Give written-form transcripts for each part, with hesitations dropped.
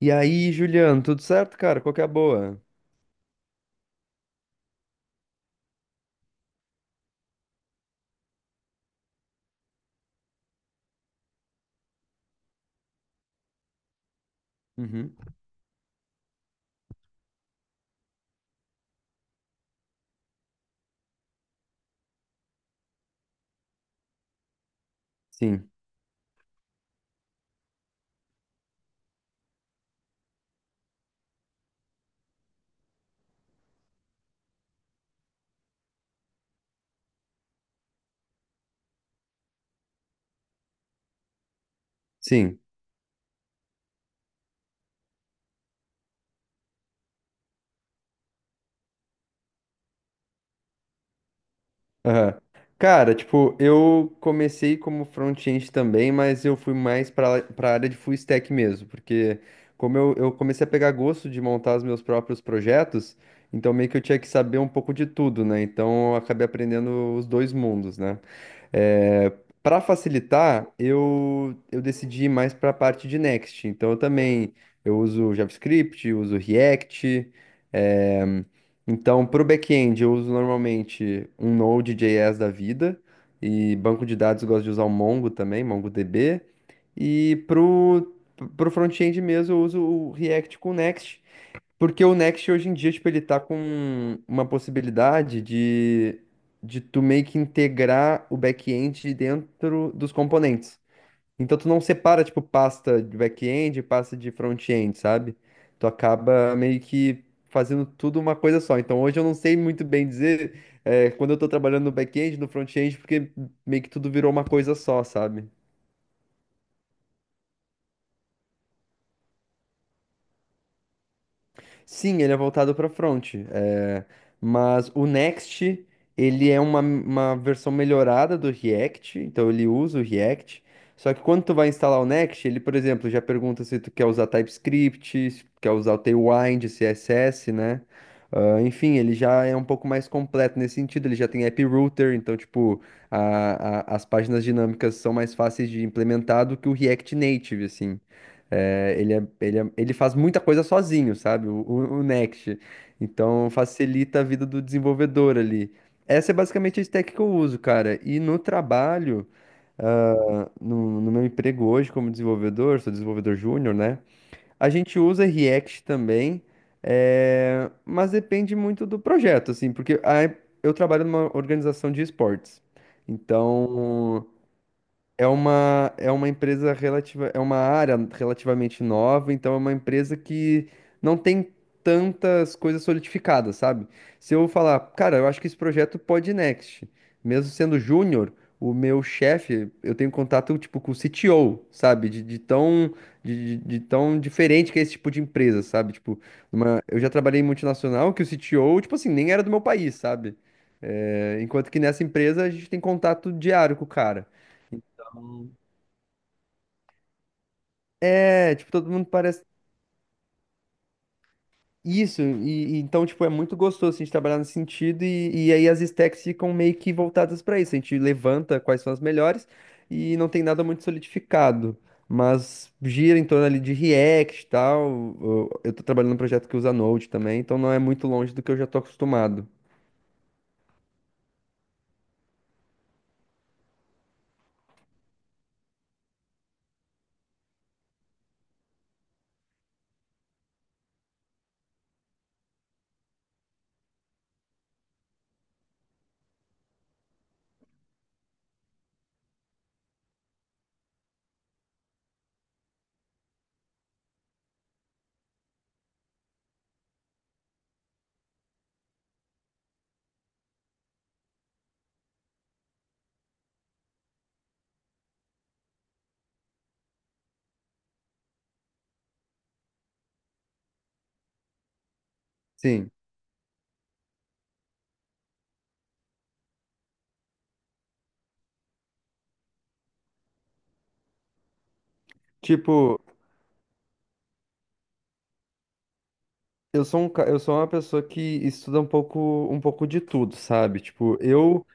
E aí, Juliano, tudo certo, cara? Qual que é a boa? Uhum. Sim, sim. Aham. Cara, tipo, eu comecei como front-end também, mas eu fui mais para para área de full stack mesmo, porque como eu comecei a pegar gosto de montar os meus próprios projetos, então meio que eu tinha que saber um pouco de tudo, né? Então eu acabei aprendendo os dois mundos, né? É, para facilitar, eu decidi ir mais para a parte de Next. Então eu também eu uso JavaScript, uso React, eh, então, para o back-end, eu uso normalmente um Node.js da vida, e banco de dados eu gosto de usar o Mongo também, MongoDB. E para o front-end mesmo eu uso o React com o Next, porque o Next hoje em dia, tipo, ele tá com uma possibilidade de tu meio que integrar o back-end dentro dos componentes. Então tu não separa, tipo, pasta de back-end e pasta de front-end, sabe? Tu acaba meio que fazendo tudo uma coisa só. Então hoje eu não sei muito bem dizer, quando eu tô trabalhando no back-end, no front-end, porque meio que tudo virou uma coisa só, sabe? Sim, ele é voltado para front, é, mas o Next, ele é uma versão melhorada do React, então ele usa o React, só que quando tu vai instalar o Next, ele, por exemplo, já pergunta se tu quer usar TypeScript, se tu quer usar o Tailwind, CSS, né? Ah, enfim, ele já é um pouco mais completo nesse sentido, ele já tem app router, então, tipo, as páginas dinâmicas são mais fáceis de implementar do que o React Native, assim. É, ele faz muita coisa sozinho, sabe? O Next. Então facilita a vida do desenvolvedor ali. Essa é basicamente a stack que eu uso, cara. E no trabalho, no meu emprego hoje como desenvolvedor, sou desenvolvedor júnior, né? A gente usa React também, é, mas depende muito do projeto, assim, porque eu trabalho numa organização de esportes. Então. É uma empresa relativa, é uma área relativamente nova, então é uma empresa que não tem tantas coisas solidificadas, sabe? Se eu falar, cara, eu acho que esse projeto pode ir next, mesmo sendo júnior, o meu chefe, eu tenho contato tipo com o CTO, sabe? De tão diferente que é esse tipo de empresa, sabe? Tipo, eu já trabalhei em multinacional que o CTO, tipo assim, nem era do meu país, sabe? É, enquanto que nessa empresa a gente tem contato diário com o cara. É, tipo, todo mundo parece isso, e então, tipo, é muito gostoso assim, a gente trabalhar nesse sentido, e aí as stacks ficam meio que voltadas pra isso. A gente levanta quais são as melhores e não tem nada muito solidificado, mas gira em torno ali de React e tal. Eu tô trabalhando num projeto que usa Node também, então não é muito longe do que eu já tô acostumado. Sim, tipo, eu sou uma pessoa que estuda um pouco de tudo, sabe? Tipo, eu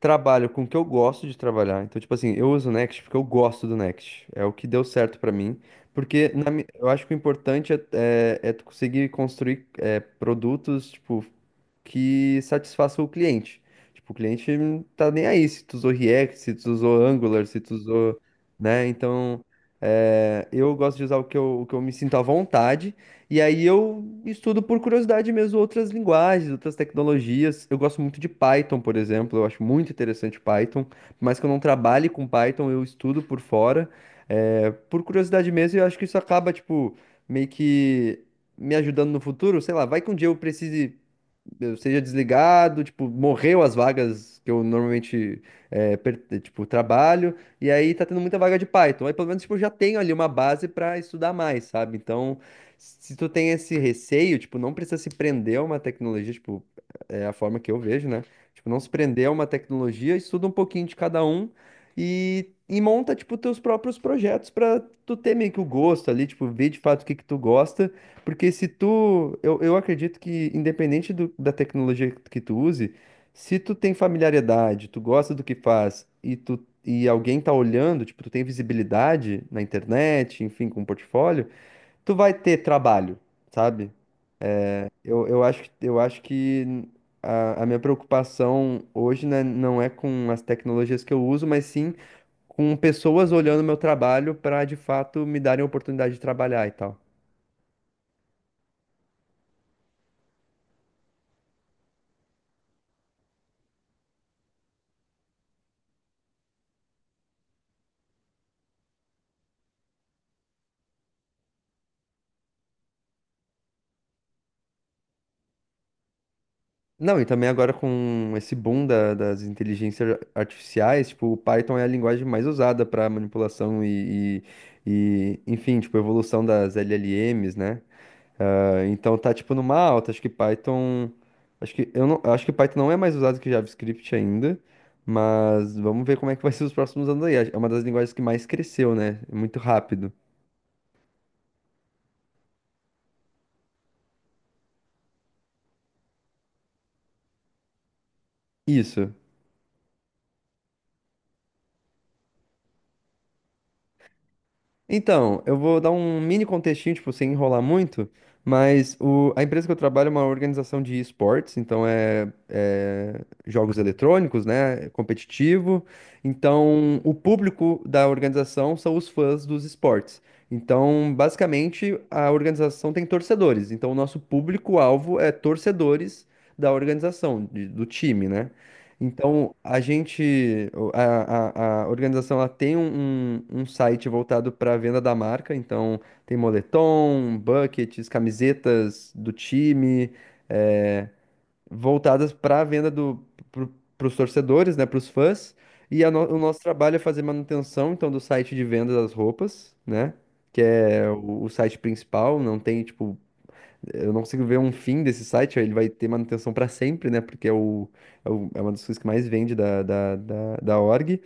trabalho com o que eu gosto de trabalhar. Então, tipo assim, eu uso o Next porque eu gosto do Next. É o que deu certo pra mim. Porque eu acho que o importante é, é, é tu conseguir construir é, produtos, tipo que satisfaça o cliente. Tipo, o cliente não tá nem aí se tu usou React, se tu usou Angular, se tu usou, né? Então, é, eu gosto de usar o que eu me sinto à vontade. E aí eu estudo por curiosidade mesmo outras linguagens, outras tecnologias. Eu gosto muito de Python, por exemplo. Eu acho muito interessante Python. Por mais que eu não trabalhe com Python, eu estudo por fora. É, por curiosidade mesmo, e eu acho que isso acaba, tipo, meio que me ajudando no futuro, sei lá, vai que um dia eu precise eu seja desligado, tipo, morreu as vagas que eu normalmente, tipo, trabalho, e aí tá tendo muita vaga de Python. Aí pelo menos, tipo, eu já tenho ali uma base pra estudar mais, sabe? Então, se tu tem esse receio, tipo, não precisa se prender a uma tecnologia, tipo, é a forma que eu vejo, né? Tipo, não se prender a uma tecnologia, estuda um pouquinho de cada um e monta, tipo, teus próprios projetos pra tu ter meio que o gosto ali, tipo, ver de fato o que que tu gosta porque se tu, eu acredito que independente da tecnologia que tu use, se tu tem familiaridade, tu gosta do que faz e tu e alguém tá olhando, tipo, tu tem visibilidade na internet, enfim, com um portfólio, tu vai ter trabalho, sabe? Eu acho que a minha preocupação hoje, né, não é com as tecnologias que eu uso, mas sim com pessoas olhando meu trabalho para de fato me darem a oportunidade de trabalhar e tal. Não, e também agora com esse boom das inteligências artificiais, tipo, o Python é a linguagem mais usada para manipulação e, enfim, tipo, evolução das LLMs, né? Ah, então tá, tipo, numa alta. Acho que Python. Acho que, eu não, acho que Python não é mais usado que JavaScript ainda, mas vamos ver como é que vai ser os próximos anos aí. É uma das linguagens que mais cresceu, né? Muito rápido. Isso. Então, eu vou dar um mini contextinho, tipo, sem enrolar muito, mas a empresa que eu trabalho é uma organização de esportes, então é, é jogos eletrônicos, né? É competitivo. Então, o público da organização são os fãs dos esportes. Então, basicamente, a organização tem torcedores. Então, o nosso público-alvo é torcedores da organização, de- do time, né? Então, a gente, o- a organização, ela tem um, um um site voltado para a venda da marca, então tem moletom, buckets, camisetas do time, eh, voltadas para a venda do, para os torcedores, né, para os fãs, e a no- o nosso trabalho é fazer manutenção, então, do site de venda das roupas, né, que é o site principal, não tem, tipo, eu não consigo ver um fim desse site, ele vai ter manutenção para sempre, né? Porque é uma das coisas que mais vende da org.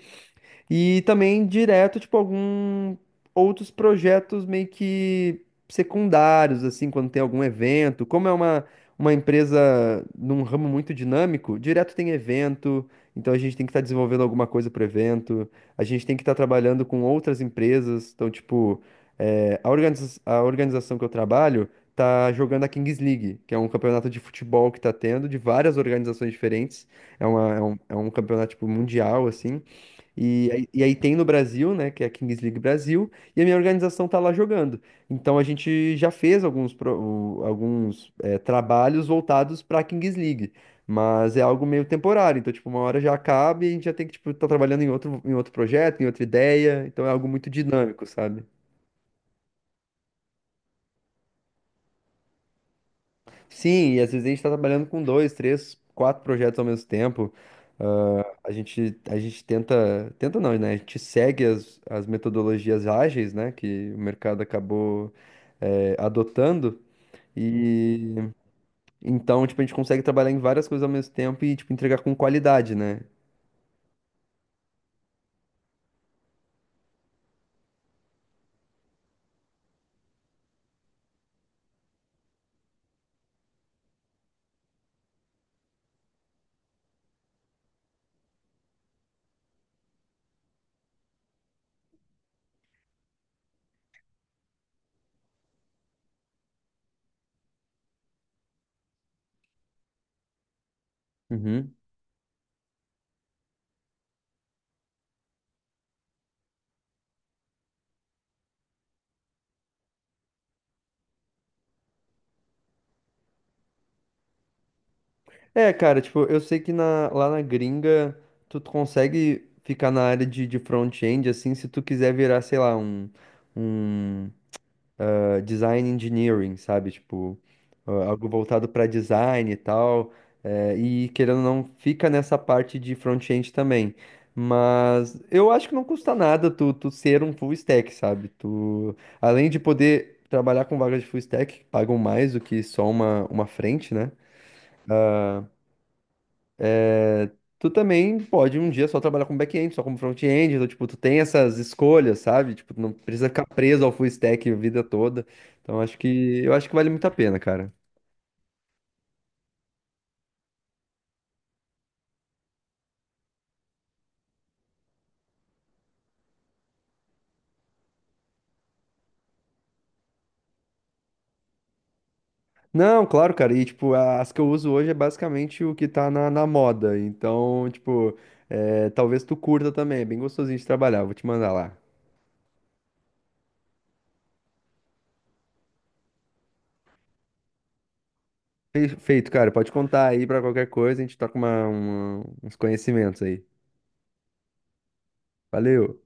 E também direto, tipo, algum outros projetos meio que secundários, assim, quando tem algum evento. Como é uma empresa num ramo muito dinâmico, direto tem evento, então a gente tem que estar desenvolvendo alguma coisa para o evento, a gente tem que estar trabalhando com outras empresas. Então, tipo, é, a organização que eu trabalho tá jogando a Kings League, que é um campeonato de futebol que tá tendo, de várias organizações diferentes. É um campeonato, tipo, mundial, assim. E aí tem no Brasil, né, que é a Kings League Brasil, e a minha organização tá lá jogando. Então a gente já fez alguns, alguns é, trabalhos voltados pra Kings League, mas é algo meio temporário. Então, tipo, uma hora já acaba e a gente já tem que, tipo, tá trabalhando em outro projeto, em outra ideia. Então é algo muito dinâmico, sabe? Sim, e às vezes a gente está trabalhando com dois, três, quatro projetos ao mesmo tempo. Ah, a gente tenta, tenta não, né? A gente segue as, as metodologias ágeis, né? Que o mercado acabou, adotando. E então, tipo, a gente consegue trabalhar em várias coisas ao mesmo tempo e, tipo, entregar com qualidade, né? Uhum. É, cara, tipo, eu sei que lá na gringa tu consegue ficar na área de front-end, assim, se tu quiser virar, sei lá, um design engineering, sabe? Tipo, ah, algo voltado para design e tal. E querendo ou não, fica nessa parte de front-end também. Mas eu acho que não custa nada tu ser um full stack, sabe? Tu, além de poder trabalhar com vagas de full stack, que pagam mais do que só uma frente, né? Tu também pode um dia só trabalhar com back-end, só como front-end. Então, tipo, tu tem essas escolhas, sabe? Tipo, tu não precisa ficar preso ao full stack a vida toda. Então, acho que, eu acho que vale muito a pena, cara. Não, claro, cara. E, tipo, as que eu uso hoje é basicamente o que tá na, na moda. Então, tipo, é, talvez tu curta também. É bem gostosinho de trabalhar. Vou te mandar lá. Feito, cara. Pode contar aí pra qualquer coisa. A gente toca uma, uns conhecimentos aí. Valeu.